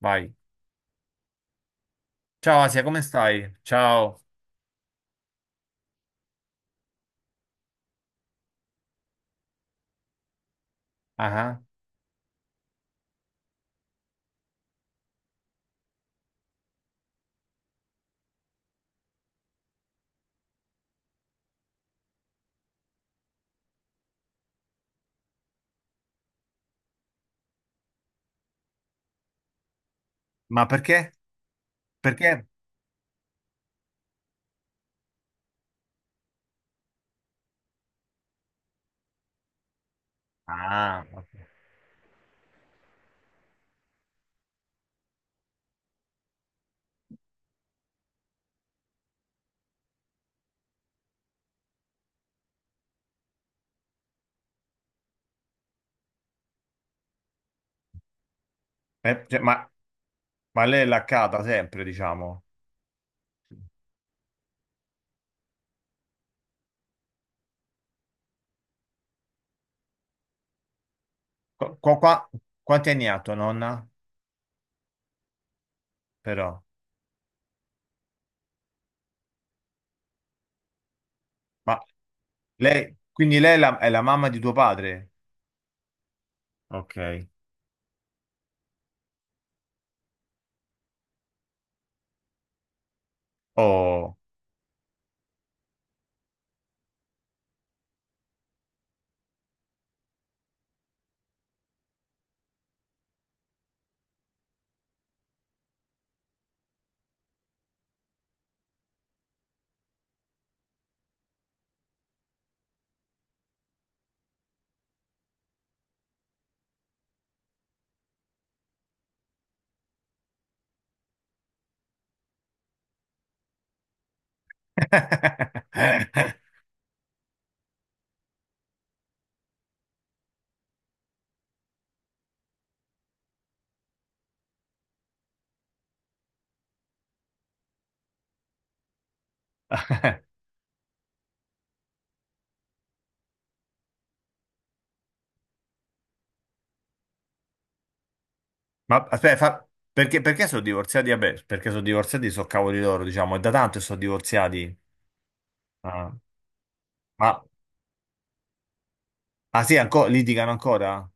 Vai. Ciao Asia, come stai? Ciao. Ah, ma perché? Perché? Ah. Ah, eh, cioè, ma lei è laccata sempre, diciamo. Qua, qua- qua- quanti anni ha tua nonna? Però. Ma lei, quindi lei è la mamma di tuo padre? Ok. Oh. Ma aspetta, perché, perché sono divorziati? Vabbè, perché sono divorziati, sono cavoli loro, diciamo. È da tanto che sono divorziati. Ah, ma ah, sì, litigano ancora?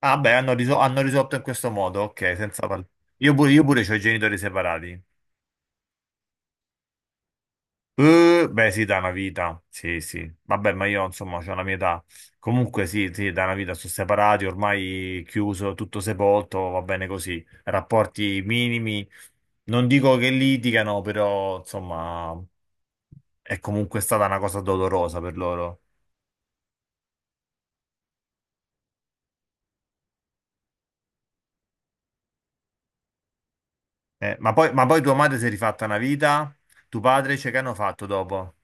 Ah, beh, hanno, hanno risolto in questo modo, ok, senza parlare. Io pure ho i genitori separati. Beh, sì, da una vita, sì, sì. Vabbè, ma io, insomma, ho la mia età. Comunque, sì, sì, da una vita sono separati, ormai chiuso, tutto sepolto, va bene così. Rapporti minimi, non dico che litigano, però, insomma, è comunque stata una cosa dolorosa per loro. Ma poi tua madre si è rifatta una vita, tuo padre, cioè, che hanno fatto dopo?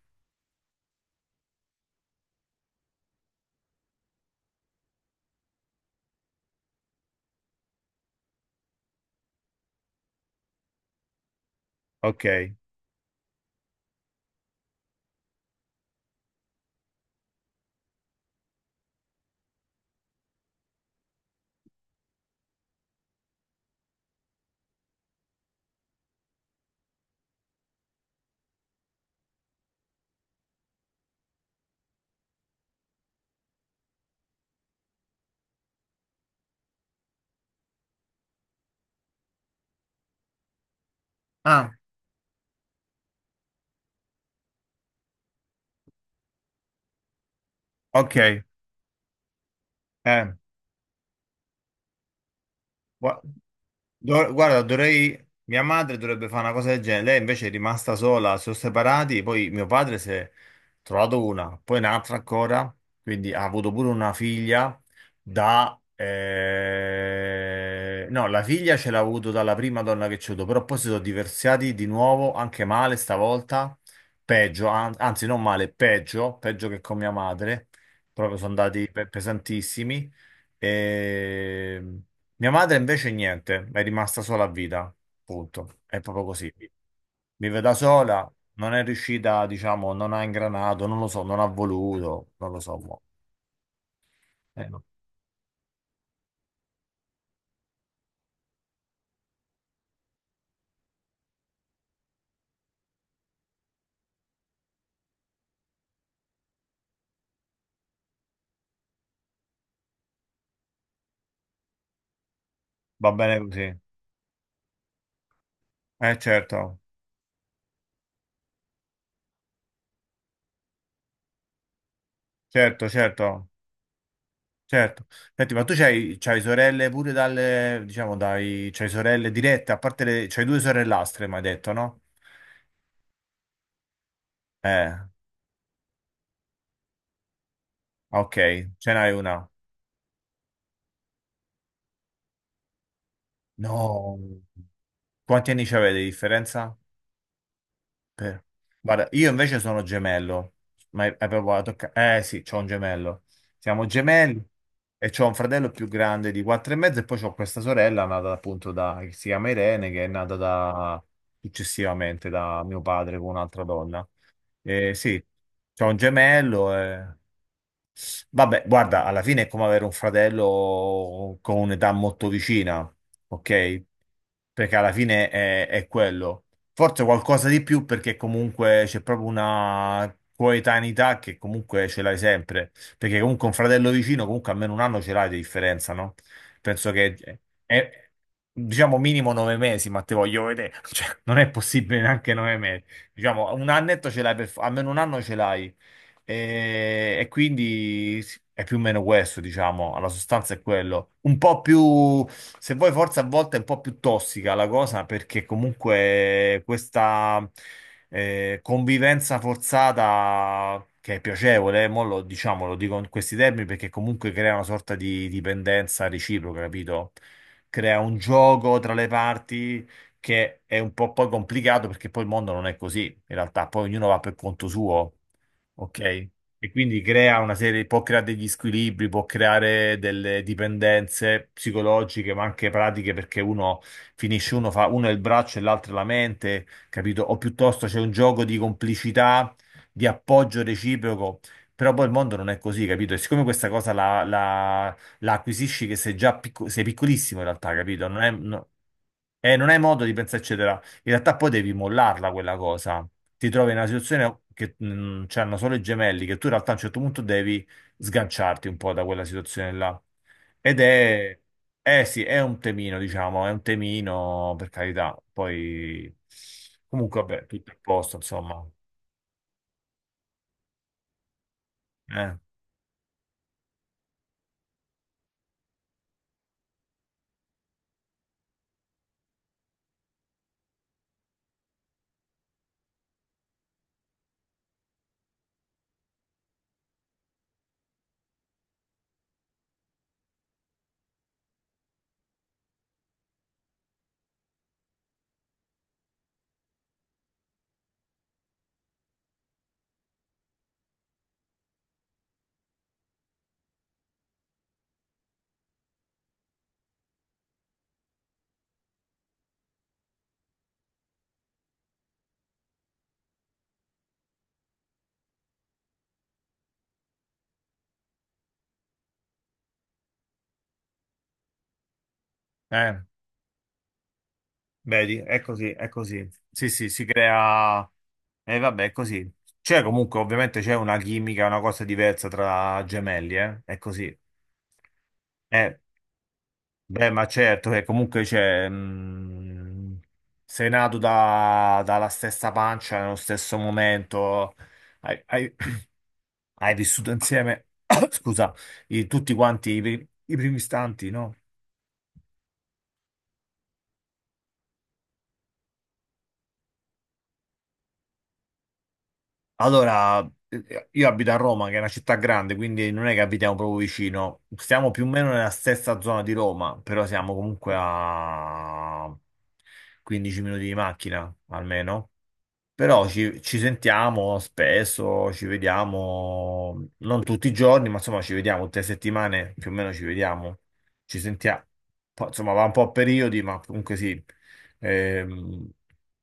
Ok. Ah, ok. Eh, gua- guarda, dovrei. Mia madre dovrebbe fare una cosa del genere, lei invece è rimasta sola, si sono separati, poi mio padre si è trovato una, poi un'altra ancora, quindi ha avuto pure una figlia da no, la figlia ce l'ha avuto dalla prima donna che c'è avuto, però poi si sono divorziati di nuovo, anche male stavolta, peggio, anzi non male, peggio, peggio che con mia madre, proprio sono andati pesantissimi. E mia madre invece niente, è rimasta sola a vita, punto. È proprio così. Vive da sola, non è riuscita, diciamo, non ha ingranato, non lo so, non ha voluto, non lo so. Mo. Eh, va bene così. Eh certo, certo, certo, certo. Senti, ma tu c'hai, c'hai sorelle pure dalle, diciamo, dai, c'hai sorelle dirette, a parte le, c'hai due sorellastre, mi hai detto, no? Eh, ok, ce n'hai una. No. Quanti anni ci avete di differenza? Eh. Guarda, io invece sono gemello, ma hai proprio toccato. Eh sì, c'ho un gemello. Siamo gemelli e c'ho un fratello più grande di quattro e mezzo e poi c'ho questa sorella nata appunto da che si chiama Irene, che è nata da successivamente da mio padre con un'altra donna. Eh sì, c'ho un gemello e. Vabbè, guarda, alla fine è come avere un fratello con un'età molto vicina, ok? Perché alla fine è quello. Forse qualcosa di più perché comunque c'è proprio una coetaneità che comunque ce l'hai sempre, perché comunque un fratello vicino comunque almeno un anno ce l'hai di differenza, no? Penso che è, diciamo minimo 9 mesi, ma te voglio vedere, cioè non è possibile neanche 9 mesi. Diciamo un annetto ce l'hai per, almeno un anno ce l'hai. E quindi è più o meno questo, diciamo, alla sostanza è quello. Un po' più, se vuoi, forse a volte è un po' più tossica la cosa, perché comunque questa convivenza forzata, che è piacevole, mo lo, diciamo, lo dico in questi termini, perché comunque crea una sorta di dipendenza reciproca, capito? Crea un gioco tra le parti che è un po' poi complicato perché poi il mondo non è così, in realtà, poi ognuno va per conto suo. Ok, e quindi crea una serie, può creare degli squilibri, può creare delle dipendenze psicologiche, ma anche pratiche, perché uno finisce, uno fa, uno è il braccio e l'altro è la mente, capito? O piuttosto c'è un gioco di complicità, di appoggio reciproco, però poi il mondo non è così, capito? E siccome questa cosa la acquisisci che sei già sei piccolissimo in realtà, capito? Non è, non hai modo di pensarci in realtà poi devi mollarla quella cosa. Ti trovi in una situazione che c'hanno solo i gemelli, che tu in realtà a un certo punto devi sganciarti un po' da quella situazione là. Ed è, eh sì, è un temino, diciamo, è un temino, per carità. Poi, comunque, vabbè, tutto a posto, insomma. Eh, eh, vedi, è così, è così. Sì, sì, si crea. E vabbè, è così. C'è comunque, ovviamente, c'è una chimica, una cosa diversa tra gemelli, eh? È così. Eh, Beh, ma certo che comunque c'è, sei nato dalla stessa pancia, nello stesso momento, hai, hai- hai vissuto insieme, scusa, tutti quanti i, i primi istanti, no? Allora, io abito a Roma, che è una città grande, quindi non è che abitiamo proprio vicino, stiamo più o meno nella stessa zona di Roma, però siamo comunque a 15 minuti di macchina, almeno. Però ci sentiamo spesso, ci vediamo, non tutti i giorni, ma insomma ci vediamo tutte le settimane, più o meno ci vediamo, ci sentiamo. Insomma, va un po' a periodi, ma comunque sì. Ehm,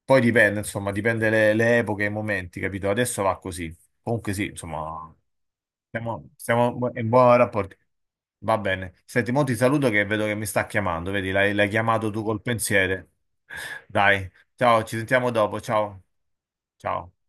poi dipende, insomma, dipende le epoche e i momenti, capito? Adesso va così. Comunque sì, insomma, siamo in buon rapporto. Va bene. Senti, mo ti saluto che vedo che mi sta chiamando, vedi, l'hai chiamato tu col pensiero. Dai. Ciao, ci sentiamo dopo. Ciao. Ciao.